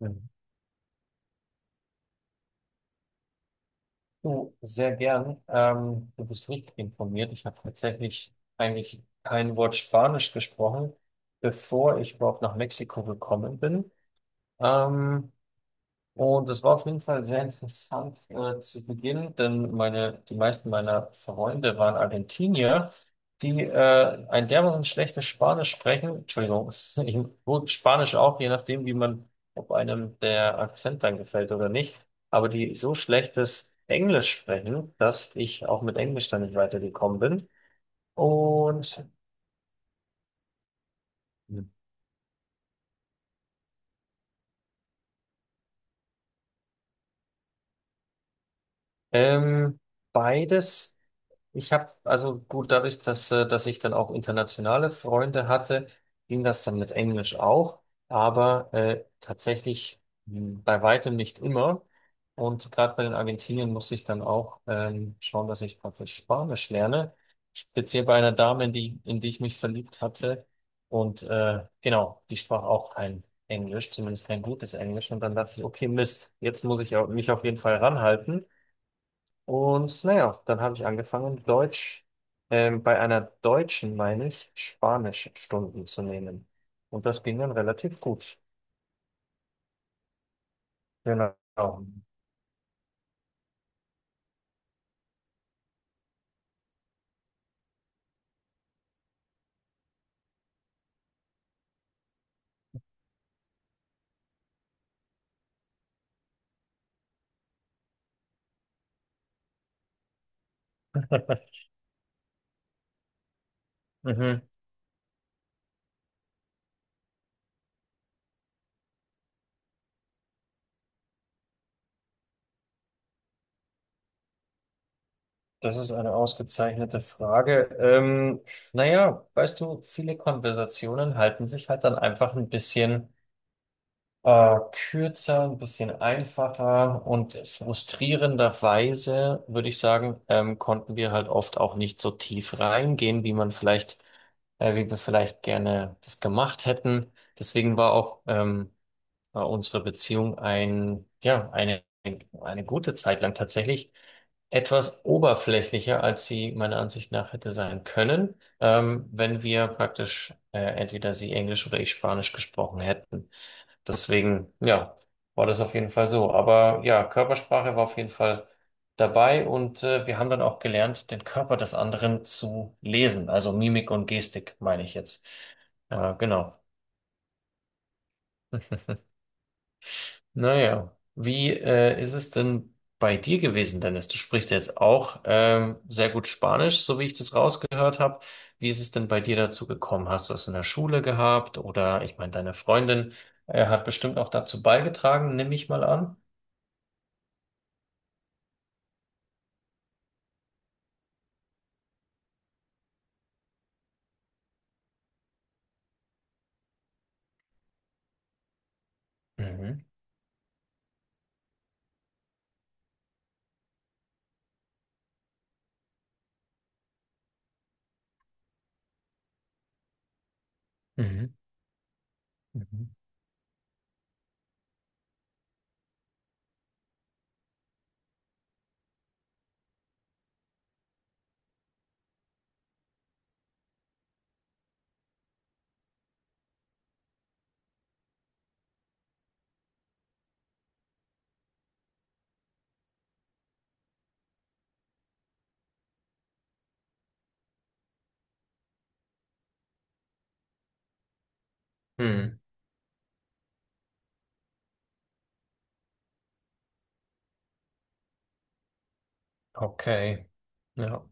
Ja. Du, sehr gern. Du bist richtig informiert. Ich habe tatsächlich eigentlich kein Wort Spanisch gesprochen, bevor ich überhaupt nach Mexiko gekommen bin. Ähm, Und es war auf jeden Fall sehr interessant zu Beginn, denn meine, die meisten meiner Freunde waren Argentinier, die ein dermaßen schlechtes Spanisch sprechen. Entschuldigung, ich, gut, Spanisch auch, je nachdem, wie man, ob einem der Akzent dann gefällt oder nicht, aber die so schlechtes Englisch sprechen, dass ich auch mit Englisch dann nicht weitergekommen bin. Und ähm, Beides. Ich habe, also gut, dadurch, dass ich dann auch internationale Freunde hatte, ging das dann mit Englisch auch, aber tatsächlich bei weitem nicht immer. Und gerade bei den Argentiniern musste ich dann auch schauen, dass ich praktisch Spanisch lerne, speziell bei einer Dame, in die ich mich verliebt hatte. Und genau, die sprach auch kein Englisch, zumindest kein gutes Englisch. Und dann dachte ich, okay, Mist, jetzt muss mich auf jeden Fall ranhalten. Und naja, dann habe ich angefangen, Deutsch, bei einer Deutschen, meine ich, Spanischstunden zu nehmen. Und das ging dann relativ gut. Genau. Mhm. Das ist eine ausgezeichnete Frage. Naja, weißt du, viele Konversationen halten sich halt dann einfach ein bisschen. Kürzer, ein bisschen einfacher und frustrierenderweise, würde ich sagen, konnten wir halt oft auch nicht so tief reingehen, wie wir vielleicht gerne das gemacht hätten. Deswegen war auch war unsere Beziehung ein, ja, eine gute Zeit lang tatsächlich etwas oberflächlicher, als sie meiner Ansicht nach hätte sein können, wenn wir praktisch entweder sie Englisch oder ich Spanisch gesprochen hätten. Deswegen, ja, war das auf jeden Fall so. Aber ja, Körpersprache war auf jeden Fall dabei und wir haben dann auch gelernt, den Körper des anderen zu lesen, also Mimik und Gestik, meine ich jetzt. Genau. Naja, wie ist es denn bei dir gewesen, Dennis? Du sprichst ja jetzt auch sehr gut Spanisch, so wie ich das rausgehört habe. Wie ist es denn bei dir dazu gekommen? Hast du es in der Schule gehabt? Oder ich meine, deine Freundin hat bestimmt auch dazu beigetragen, nehme ich mal an. Mhm. Mhm. Mhm. Mhm. Okay. Ja.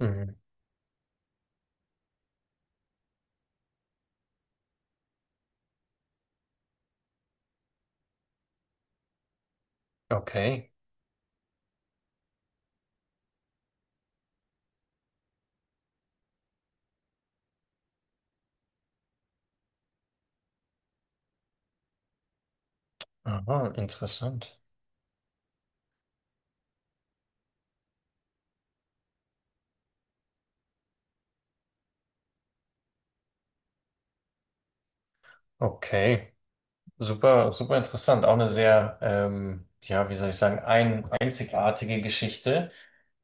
Mhm. Okay. Aha, interessant. Okay. Super, super interessant. Auch eine sehr, ja, wie soll ich sagen, ein, einzigartige Geschichte.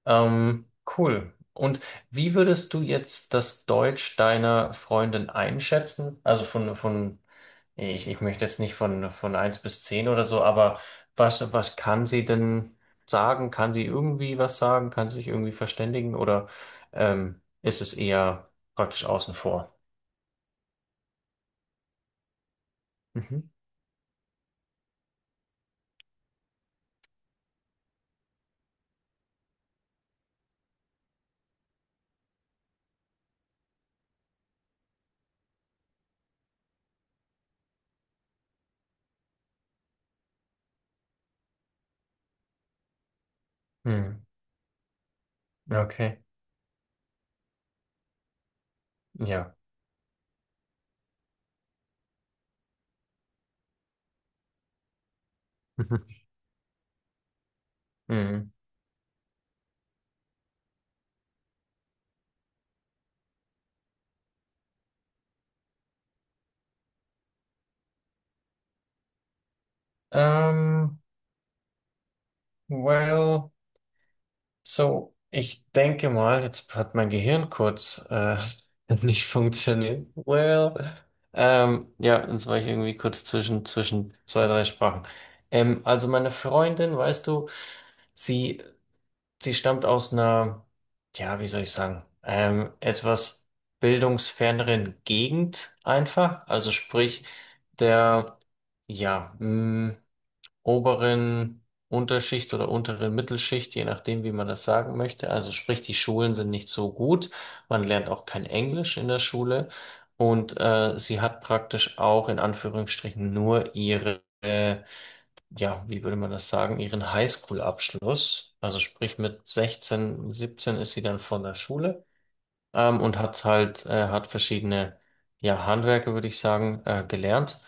Ähm, cool. Und wie würdest du jetzt das Deutsch deiner Freundin einschätzen? Also von, ich möchte jetzt nicht von, von eins bis 10 oder so, aber was kann sie denn sagen? Kann sie irgendwie was sagen? Kann sie sich irgendwie verständigen? Oder ist es eher praktisch außen vor? Mhm. Hm. Okay. Ja. Mhm. Ähm, well, so, ich denke mal, jetzt hat mein Gehirn kurz nicht funktioniert. Well, ja, jetzt war ich irgendwie kurz zwischen zwei, drei Sprachen. Also meine Freundin, weißt du, sie, sie stammt aus einer, ja, wie soll ich sagen, etwas bildungsferneren Gegend einfach. Also sprich, der, ja, mh, oberen Unterschicht oder unteren Mittelschicht, je nachdem, wie man das sagen möchte. Also sprich, die Schulen sind nicht so gut. Man lernt auch kein Englisch in der Schule. Und sie hat praktisch auch in Anführungsstrichen nur ja, wie würde man das sagen, ihren Highschool-Abschluss. Also sprich, mit 16, 17 ist sie dann von der Schule und hat halt hat verschiedene, ja, Handwerke, würde ich sagen, gelernt.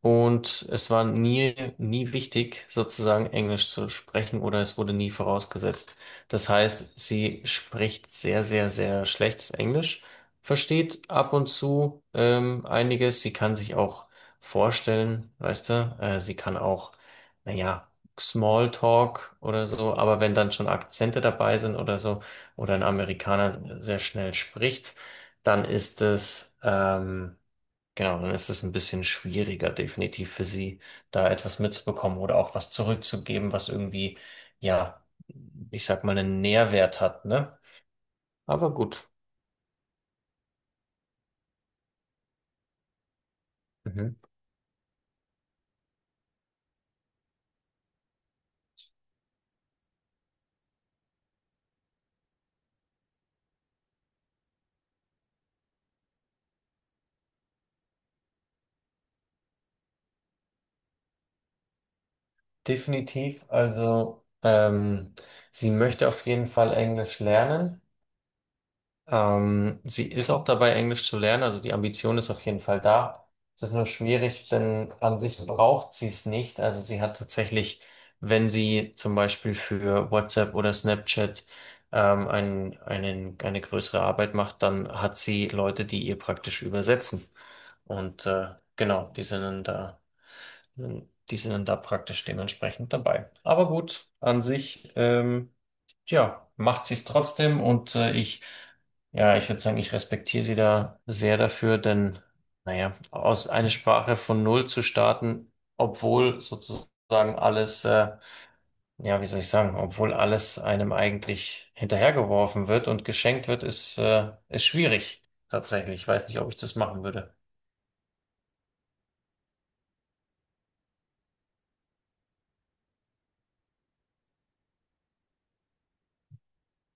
Und es war nie, nie wichtig, sozusagen Englisch zu sprechen oder es wurde nie vorausgesetzt. Das heißt, sie spricht sehr, sehr, sehr schlechtes Englisch, versteht ab und zu, einiges. Sie kann sich auch vorstellen, weißt du, sie kann auch, naja, Smalltalk oder so, aber wenn dann schon Akzente dabei sind oder so, oder ein Amerikaner sehr schnell spricht, dann ist es, genau, dann ist es ein bisschen schwieriger, definitiv für sie, da etwas mitzubekommen oder auch was zurückzugeben, was irgendwie, ja, ich sag mal, einen Nährwert hat, ne? Aber gut. Mhm. Definitiv, also sie möchte auf jeden Fall Englisch lernen. Sie ist auch dabei, Englisch zu lernen, also die Ambition ist auf jeden Fall da. Es ist nur schwierig, denn an sich braucht sie es nicht. Also sie hat tatsächlich, wenn sie zum Beispiel für WhatsApp oder Snapchat eine größere Arbeit macht, dann hat sie Leute, die ihr praktisch übersetzen. Und genau, die sind dann da. Hm, die sind dann da praktisch dementsprechend dabei. Aber gut, an sich, ja, macht sie es trotzdem und ja, ich würde sagen, ich respektiere sie da sehr dafür, denn, naja, aus einer Sprache von Null zu starten, obwohl sozusagen ja, wie soll ich sagen, obwohl alles einem eigentlich hinterhergeworfen wird und geschenkt wird, ist schwierig, tatsächlich. Ich weiß nicht, ob ich das machen würde.